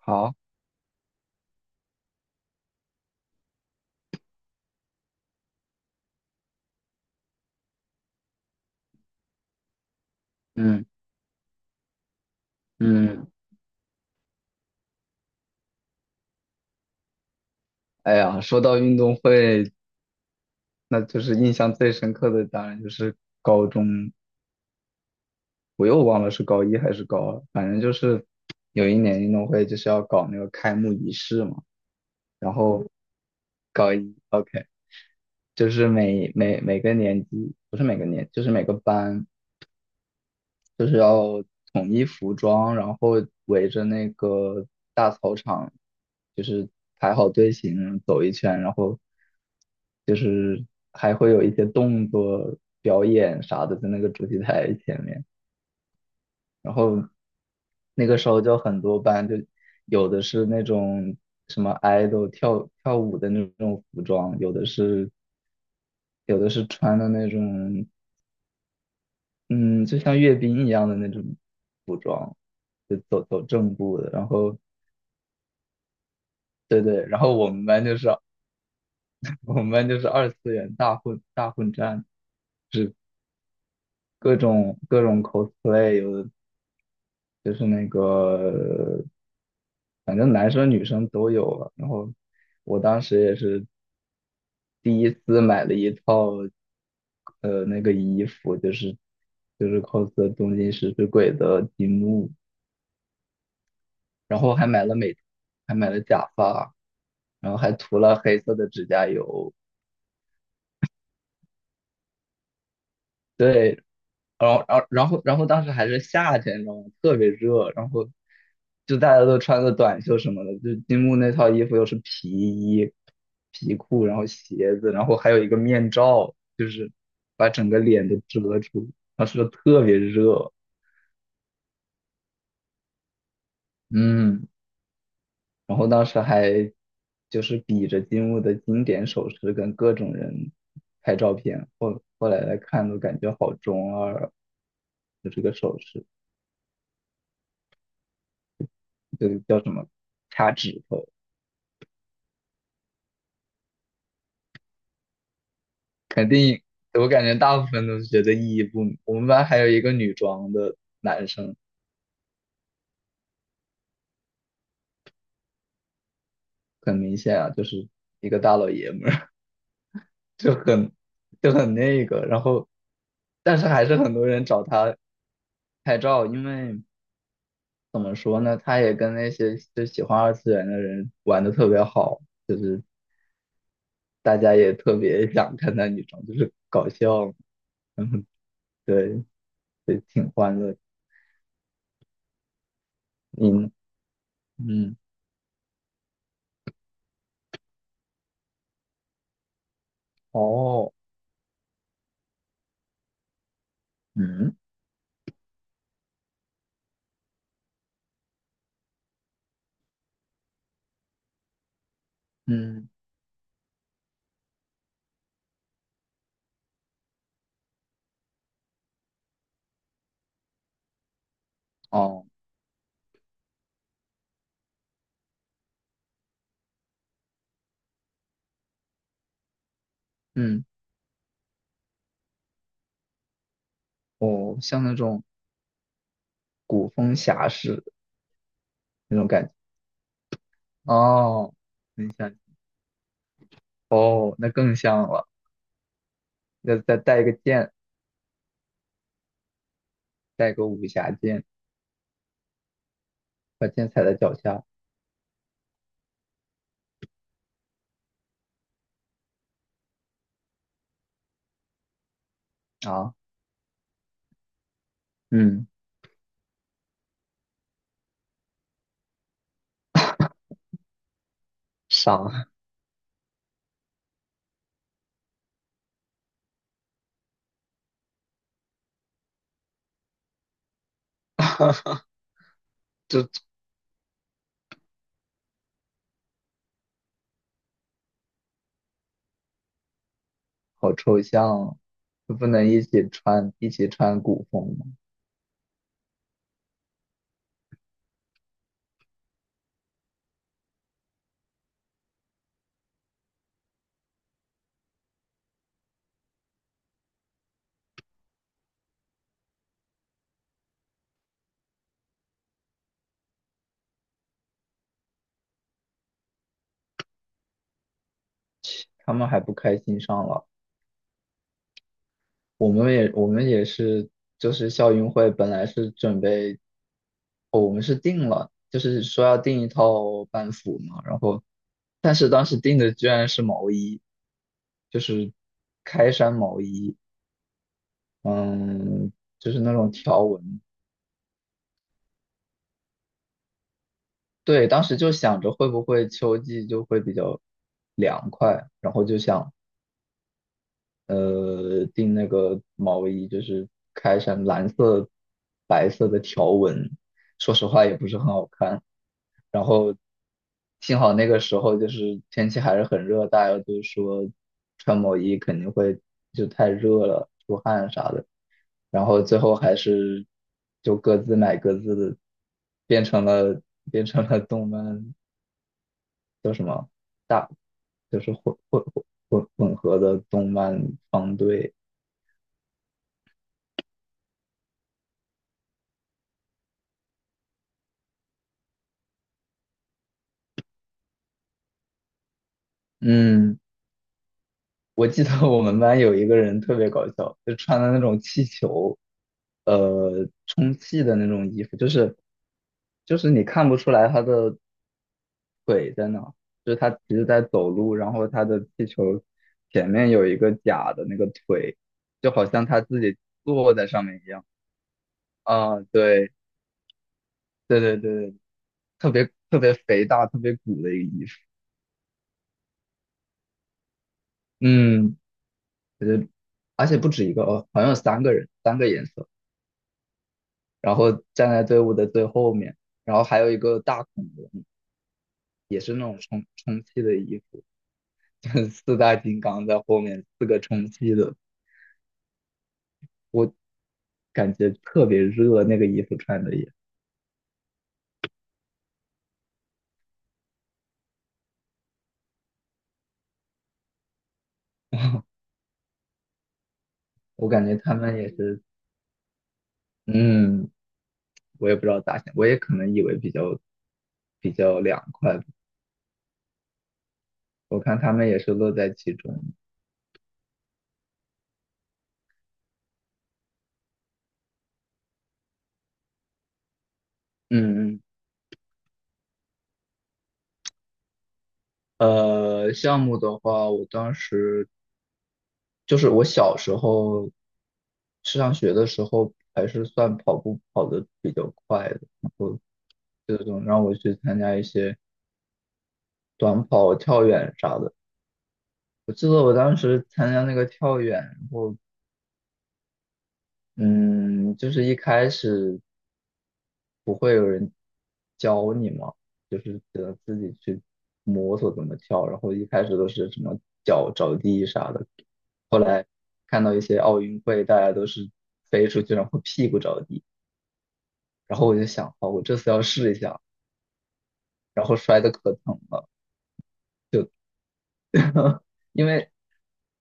好，嗯嗯，哎呀，说到运动会，那就是印象最深刻的，当然就是高中，我又忘了是高一还是高二，反正就是有一年运动会就是要搞那个开幕仪式嘛，然后高一，OK，就是每个年级，不是每个年，就是每个班，就是要统一服装，然后围着那个大操场，就是排好队形走一圈，然后就是还会有一些动作表演啥的在那个主席台前面。然后那个时候就很多班，就有的是那种什么 idol 跳跳舞的那种服装，有的是穿的那种嗯，就像阅兵一样的那种服装，就走走正步的。然后，对对，然后我们班就是 我们班就是二次元大混战，就是各种各种 cosplay，有的就是那个，反正男生女生都有了。然后我当时也是第一次买了一套那个衣服，就是 cos 东京食尸鬼的金木。然后还买了假发，然后还涂了黑色的指甲油。对，然后当时还是夏天，你知道吗？特别热，然后就大家都穿着短袖什么的，就金木那套衣服又是皮衣、皮裤，然后鞋子，然后还有一个面罩，就是把整个脸都遮住，当时特别热，嗯。然后当时还就是比着金木的经典手势跟各种人拍照片，后来看都感觉好中二啊，就这个手势，就叫什么掐指头，肯定我感觉大部分都是觉得意义不明。我们班还有一个女装的男生，很明显啊，就是一个大老爷们儿，就很就很那个，然后但是还是很多人找他拍照，因为。怎么说呢？他也跟那些就喜欢二次元的人玩的特别好，就是大家也特别想看他女装，就是搞笑，嗯，对，对，挺欢乐。嗯嗯，哦，嗯嗯哦嗯哦，像那种古风侠士那种感觉。哦，你想哦，那更像了，要再带一个剑，带个武侠剑，把剑踩在脚下啊，嗯，傻。好抽象哦，就不能一起穿古风吗？他们还不开心上了，我们也是，就是校运会本来是准备，哦我们是定了，就是说要定一套班服嘛，然后但是当时定的居然是毛衣，就是开衫毛衣，嗯，就是那种条纹。对，当时就想着会不会秋季就会比较凉快，然后就想订那个毛衣，就是开成蓝色、白色的条纹，说实话也不是很好看。然后幸好那个时候就是天气还是很热，大家都说穿毛衣肯定会就太热了，出汗啥的。然后最后还是就各自买各自的，变成了变成了动漫叫什么大，就是混合的动漫方队。嗯，我记得我们班有一个人特别搞笑，就穿的那种气球，充气的那种衣服，就是你看不出来他的腿在哪，就是他其实在走路，然后他的气球前面有一个假的那个腿，就好像他自己坐在上面一样。啊，对对对对，特别特别肥大、特别鼓的一个衣服。嗯，我觉得而且不止一个哦，好像有三个人，三个颜色。然后站在队伍的最后面，然后还有一个大恐龙，也是那种充气的衣服，四大金刚在后面，四个充气的，我感觉特别热，那个衣服穿的也，我感觉他们也是，嗯，我也不知道咋想，我也可能以为比较凉快，我看他们也是乐在其中，嗯嗯。项目的话，我当时就是我小时候去上学的时候，还是算跑步跑得比较快的，然后这种让我去参加一些短跑、跳远啥的。我记得我当时参加那个跳远，然后嗯，就是一开始不会有人教你嘛，就是只能自己去摸索怎么跳，然后一开始都是什么脚着地啥的，后来看到一些奥运会，大家都是飞出去，然后屁股着地。然后我就想，好，我这次要试一下，然后摔的可疼了，就因为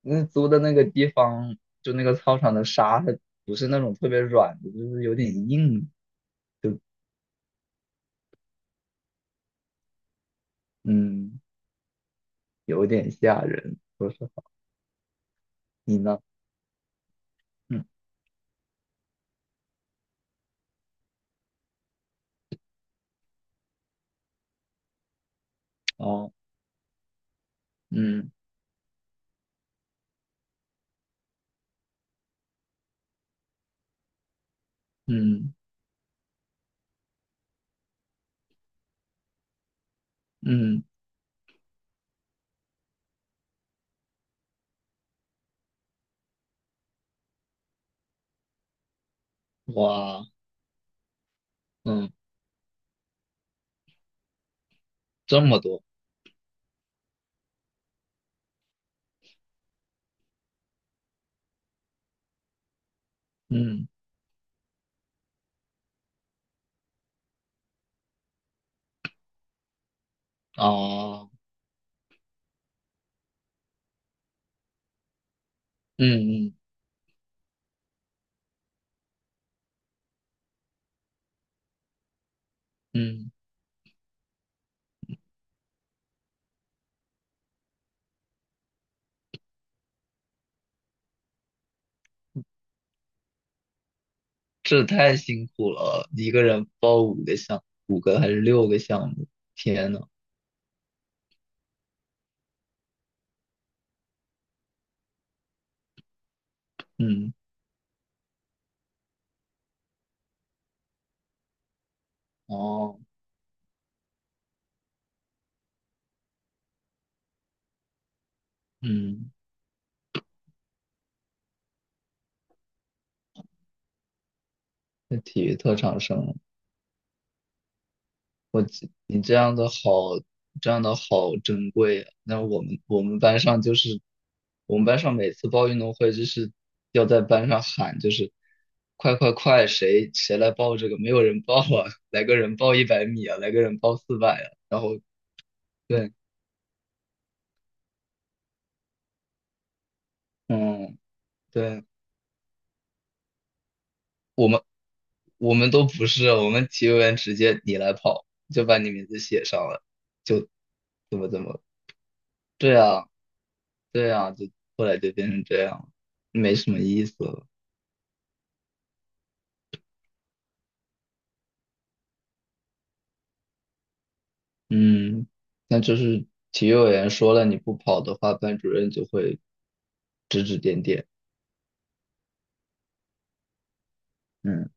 那租的那个地方，就那个操场的沙，它不是那种特别软的，就是有点硬，嗯，有点吓人。说实话，你呢？嗯，哦，嗯嗯嗯，哇，嗯，这么多，嗯，哦，嗯嗯嗯，这太辛苦了，一个人报五个项，五个还是六个项目？天呐，嗯，哦。嗯，那体育特长生，你这样的好，这样的好珍贵啊。那我们班上就是，我们班上每次报运动会就是要在班上喊，就是快快快，谁来报这个？没有人报啊，来个人报100米啊，来个人报400啊。然后对，嗯，对，我们我们都不是，我们体育员直接你来跑，就把你名字写上了，就怎么。对啊，对啊，就后来就变成这样，没什么意思了。嗯，那就是体育委员说了，你不跑的话，班主任就会指指点点。嗯。